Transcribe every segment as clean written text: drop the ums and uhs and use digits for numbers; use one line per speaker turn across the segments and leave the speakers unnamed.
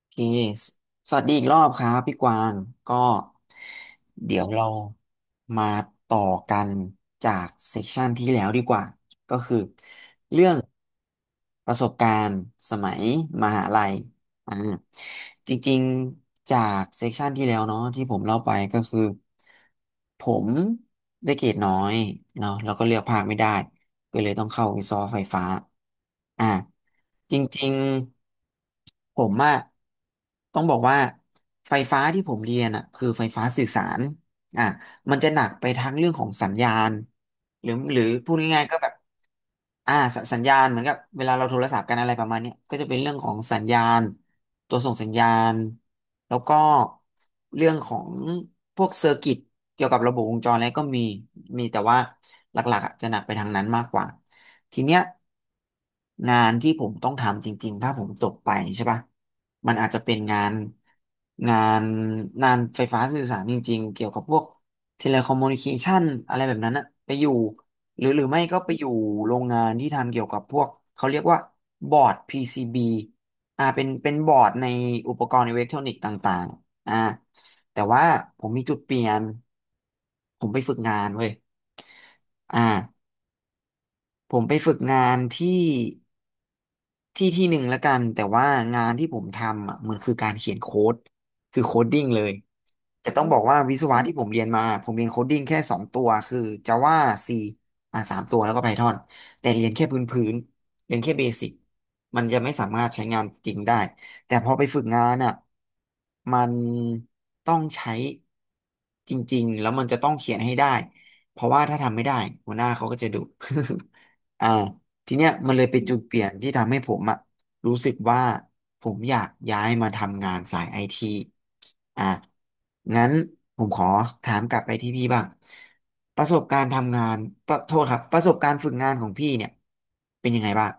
โอเคสสวัสดีอีกรอบครับพี่กวางก็เดี๋ยวเรามาต่อกันจากเซสชันที่แล้วดีกว่า ก็คือเรื่องประสบการณ์สมัยมหาลัย อ่าจริงๆจากเซกชันที่แล้วเนาะที่ผมเล่าไปก็คือผมได้เกรดน้อยเนาะแล้วก็เลือกภาคไม่ได้ก็เลยต้องเข้าวิศวะไฟฟ้าอ่าจริงๆผมอะต้องบอกว่าไฟฟ้าที่ผมเรียนอะคือไฟฟ้าสื่อสารอ่ะมันจะหนักไปทั้งเรื่องของสัญญาณหรือพูดง่ายๆก็แบบ สสัญญาณเหมือนกับเวลาเราโทรศัพท์กันอะไรประมาณเนี้ยก็จะเป็นเรื่องของสัญญาณตัวส่งสัญญาณแล้วก็เรื่องของพวกเซอร์กิตเกี่ยวกับระบบวงจรอะไรก็มีแต่ว่าหลักๆอะจะหนักไปทางนั้นมากกว่าทีเนี้ยงานที่ผมต้องทำจริงๆถ้าผมจบไปใช่ปะมันอาจจะเป็นงานงานไฟฟ้าสื่อสารจริงๆเกี่ยวกับพวก เทเลคอมมูนิเคชันอะไรแบบนั้นอะไปอยู่หรือไม่ก็ไปอยู่โรงงานที่ทำเกี่ยวกับพวกเขาเรียกว่าบอร์ด PCB เป็นบอร์ดในอุปกรณ์อิเล็กทรอนิกส์ต่างๆแต่ว่าผมมีจุดเปลี่ยนผมไปฝึกงานเว้ยอ่าผมไปฝึกงานที่ที่ที่หนึ่งแล้วกันแต่ว่างานที่ผมทำอ่ะมันคือการเขียนโค้ดคือโคดดิ้งเลย แต่ต้องบอกว่าวิศวะที่ผมเรียนมาผมเรียนโคดดิ้งแค่สองตัวคือ Java C สามตัวแล้วก็ Python แต่เรียนแค่พื้นเรียนแค่เบสิกมันจะไม่สามารถใช้งานจริงได้แต่พอไปฝึกงานอ่ะมันต้องใช้จริงๆแล้วมันจะต้องเขียนให้ได้เพราะว่าถ้าทำไม่ได้หัวหน้าเขาก็จะดุ อ่าทีเนี้ยมันเลยเป็นจุดเปลี่ยนที่ทำให้ผมอ่ะ รู้สึกว่าผมอยากย้ายมาทำงานสายไอทีอ่ะงั้นผมขอถามกลับไปที่พี่บ้างประสบการณ์ทำงานประโทษครับประสบการณ์ฝึกงานของพี่เนี่ยเป็นยังไงบ้าง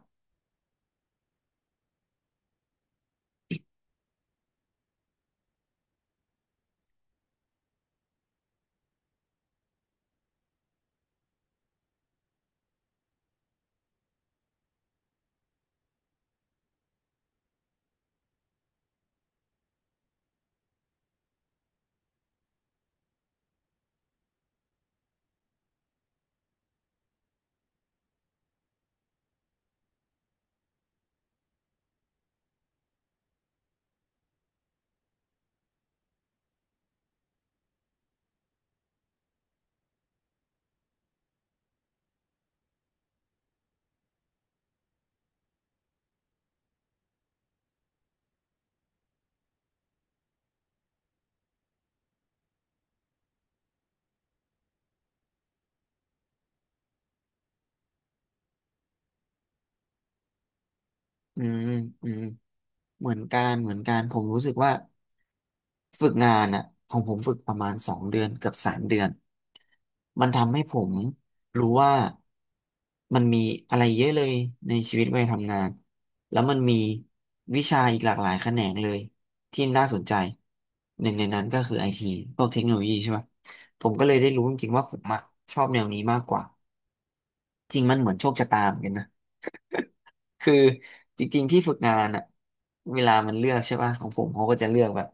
อืมอืมเหมือนกันผมรู้สึกว่าฝึกงานอ่ะของผมฝึกประมาณสองเดือนเกือบสามเดือนมันทำให้ผมรู้ว่ามันมีอะไรเยอะเลยในชีวิตวัยทำงานแล้วมันมีวิชาอีกหลากหลายแขนงเลยที่น่าสนใจหนึ่งในนั้นก็คือไอทีพวกเทคโนโลยีใช่ไหมผมก็เลยได้รู้จริงๆว่าผมอะชอบแนวนี้มากกว่าจริงมันเหมือนโชคชะตาเหมือนกันนะ คือจริงๆที่ฝึกงานอะเวลามันเลือกใช่ป่ะของผมเขาก็จะเลือกแบบ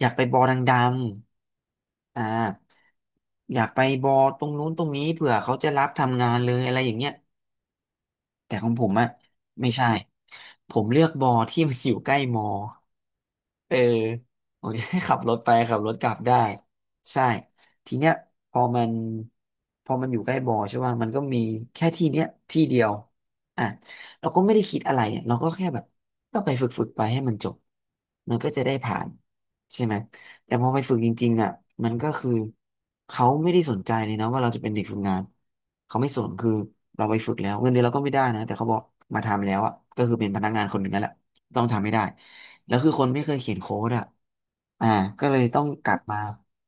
อยากไปบอดังๆอยากไปบอตรงนู้นตรงนี้เผื่อเขาจะรับทำงานเลยอะไรอย่างเงี้ยแต่ของผมอะไม่ใช่ผมเลือกบอที่มันอยู่ใกล้มอ เออผมจะให้ ขับรถไปขับรถกลับได้ใช่ทีเนี้ยพอมันพอมันอยู่ใกล้บ่อใช่ป่ะมันก็มีแค่ที่เนี้ยที่เดียวอ่ะเราก็ไม่ได้คิดอะไรอะเราก็แค่แบบก็ไปฝึกไปให้มันจบมันก็จะได้ผ่านใช่ไหมแต่พอไปฝึกจริงๆอ่ะมันก็คือเขาไม่ได้สนใจเลยนะว่าเราจะเป็นเด็กฝึกงานเขาไม่สนคือเราไปฝึกแล้วเงินเดือนเราก็ไม่ได้นะแต่เขาบอกมาทำแล้วอ่ะก็คือเป็นพนักงานคนหนึ่งนั่นแหละ ต้องทำไม่ได้แล้วคือคนไม่เคยเขียนโค้ดอ่ะอ่าก็เลยต้องกลับมา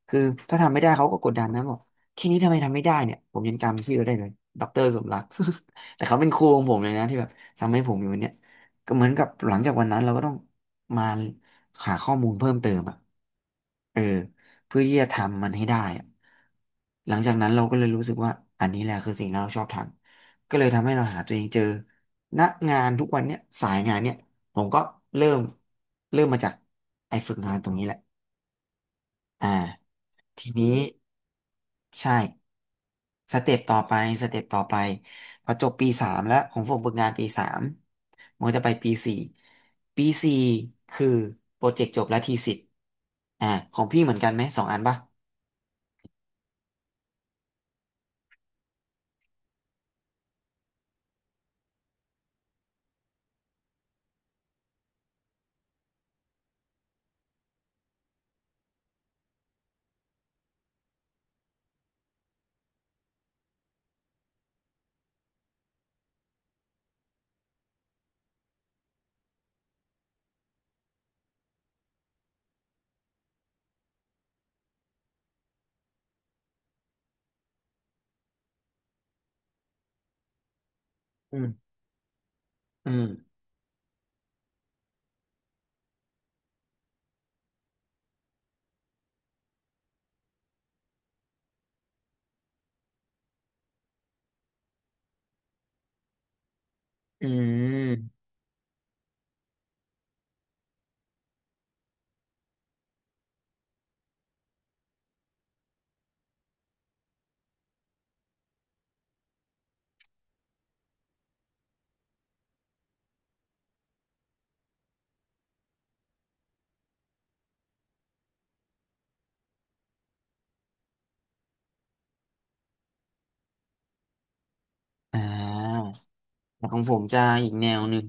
คือถ้าทำไม่ได้เขาก็กดดันนะบอกแค่นี้ทำไมทำไม่ได้เนี่ยผมยังจำชื่อได้เลยดอกเตอร์สมรัก แต่เขาเป็นครูของผมเลยนะที่แบบทำให้ผมอยู่วันเนี้ยก็เหมือนกับหลังจากวันนั้นเราก็ต้องมาหาข้อมูลเพิ่มเติมอ่ะเออเพื่อที่จะทำมันให้ได้อะหลังจากนั้นเราก็เลยรู้สึกว่าอันนี้แหละคือสิ่งที่เราชอบทำก็เลยทำให้เราหาตัวเองเจอณงานทุกวันเนี้ยสายงานเนี้ย ผมก็เริ่มเริ่มมาจากไอ้ฝึกงานตรงนี้แหละอ่าทีนี้ใช่สเต็ปต่อไปสเต็ปต่อไปพอจบปีสามแล้วของผมฝึกงานปีสามมันก็จะไปปีสี่คือโปรเจกต์จบและทีสิทธิ์อ่าของพี่เหมือนกันไหมสองอันป่ะอืมอืมอืมอ่าแต่ของผมจะอีกแนวหนึ่ง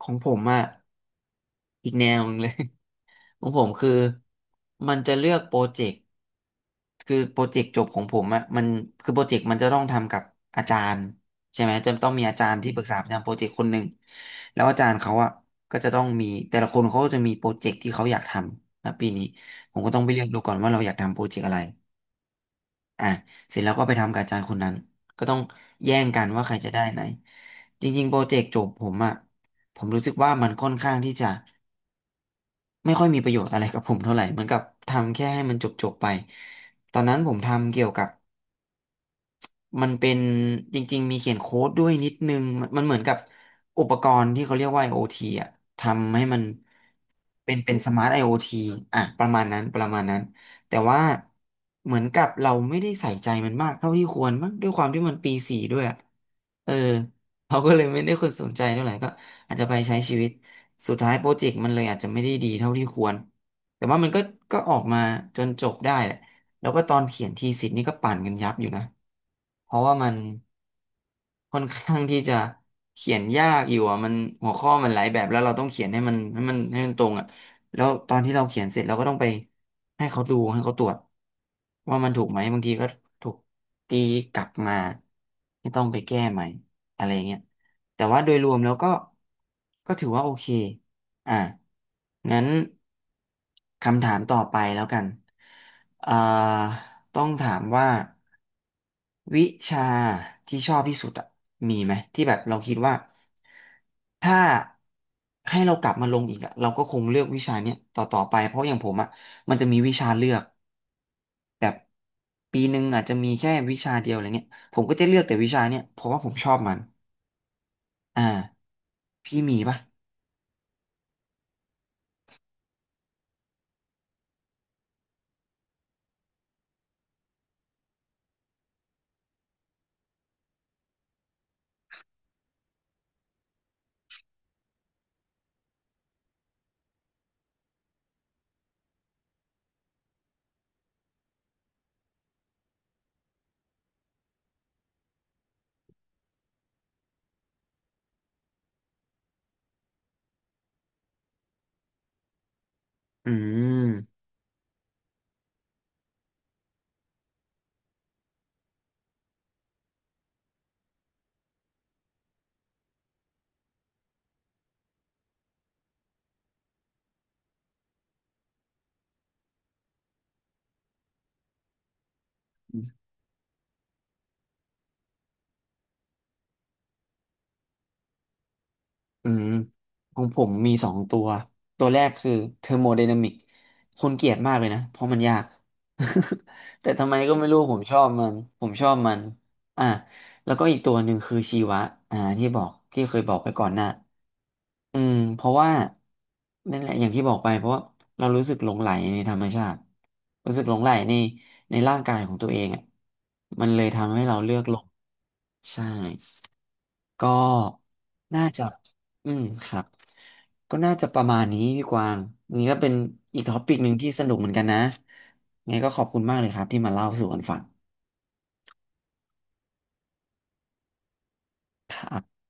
ของผมอ่ะอีกแนวหนึงเลย ของผมคือมันจะเลือกโปรเจกต์ คือโปรเจกต์จบของผมอะมันคือโปรเจกต์มันจะต้องทำกับอาจารย์ใช่ไหมจะต้องมีอาจารย์ที่ปรึกษาประจำโปรเจกต์คนหนึ่งแล้วอาจารย์เขาอะก็จะต้องมีแต่ละคนเขาก็จะมีโปรเจกต์ที่เขาอยากทำนะปีนี้ผมก็ต้องไปเลือกดูก่อนว่าเราอยากทำโปรเจกต์อะไรอ่ะเสร็จแล้วก็ไปทำกับอาจารย์คนนั้นก็ต้องแย่งกันว่าใครจะได้ไหนจริงๆโปรเจกต์จบผมอะผมรู้สึกว่ามันค่อนข้างที่จะไม่ค่อยมีประโยชน์อะไรกับผมเท่าไหร่เหมือนกับทำแค่ให้มันจบๆไปตอนนั้นผมทำเกี่ยวกับ มันเป็นจริงๆมีเขียนโค้ดด้วยนิดนึงมันเหมือนกับอุปกรณ์ที่เขาเรียกว่า IoT อ่ะทำให้มันเป็นสมาร์ท IoT อ่ะประมาณนั้นประมาณนั้นแต่ว่าเหมือนกับเราไม่ได้ใส่ใจมันมากเท่าที่ควรมั้งด้วยความที่มันปีสี่ด้วยอะเออเขาก็เลยไม่ได้คนสนใจเท่าไหร่ก็อาจจะไปใช้ชีวิตสุดท้ายโปรเจกต์มันเลยอาจจะไม่ได้ดีเท่าที่ควรแต่ว่ามันก็ออกมาจนจบได้แหละ แล้วก็ตอนเขียนทีสิทธ์นี่ก็ปั่นกันยับอยู่นะ เพราะว่ามัน ค่อนข้างที่จะเขียนยากอยู่อ่ะมันหัวข้อมันหลายแบบแล้วเราต้องเขียนให้มันตรงอ่ะแล้วตอนที่เราเขียนเสร็จเราก็ต้องไปให้เขาดูให้เขาตรวจว่ามันถูกไหมบางทีก็ถูกตีกลับมาที่ต้องไปแก้ใหม่อะไรเงี้ยแต่ว่าโดยรวมแล้วก็ถือว่าโอเคอ่ะงั้นคำถามต่อไปแล้วกันเอ่อต้องถามว่า วิชาที่ชอบที่สุดอะมีไหมที่แบบเราคิดว่าถ้าให้เรากลับมาลงอีกอะเราก็คงเลือกวิชาเนี้ยต่อไปเพราะอย่างผมอะมันจะมีวิชาเลือกแบบปีหนึ่งอาจจะมีแค่วิชาเดียวอะไรเงี้ยผมก็จะเลือกแต่วิชาเนี้ยเพราะว่าผมชอบมันอ่าพี่มีปะอืม อืมของผมมีสองตัวตัวแรกคือเทอร์โมไดนามิกคนเกลียดมากเลยนะเพราะมันยาก แต่ทำไมก็ไม่รู้ผมชอบมันอ่ะแล้วก็อีกตัวหนึ่งคือชีวะอ่าที่เคยบอกไปก่อนหน้าอืมเพราะว่านั่นแหละอย่างที่บอกไปเพราะว่าเรารู้สึกหลงใหลในธรรมชาติรู้สึกหลงใหลในร่างกายของตัวเองอ่ะมันเลยทำให้เราเลือกหลงใช่ ก็น่าจะ อืม ครับ ก็น่าจะประมาณนี้พี่กวางอันนี่ก็เป็นอีกท็อปิกหนึ่งที่สนุกเหมือนกันนะ ไงก็ขอบคุณมากเลยครับที่มาเล่าสู่กันฟังครับ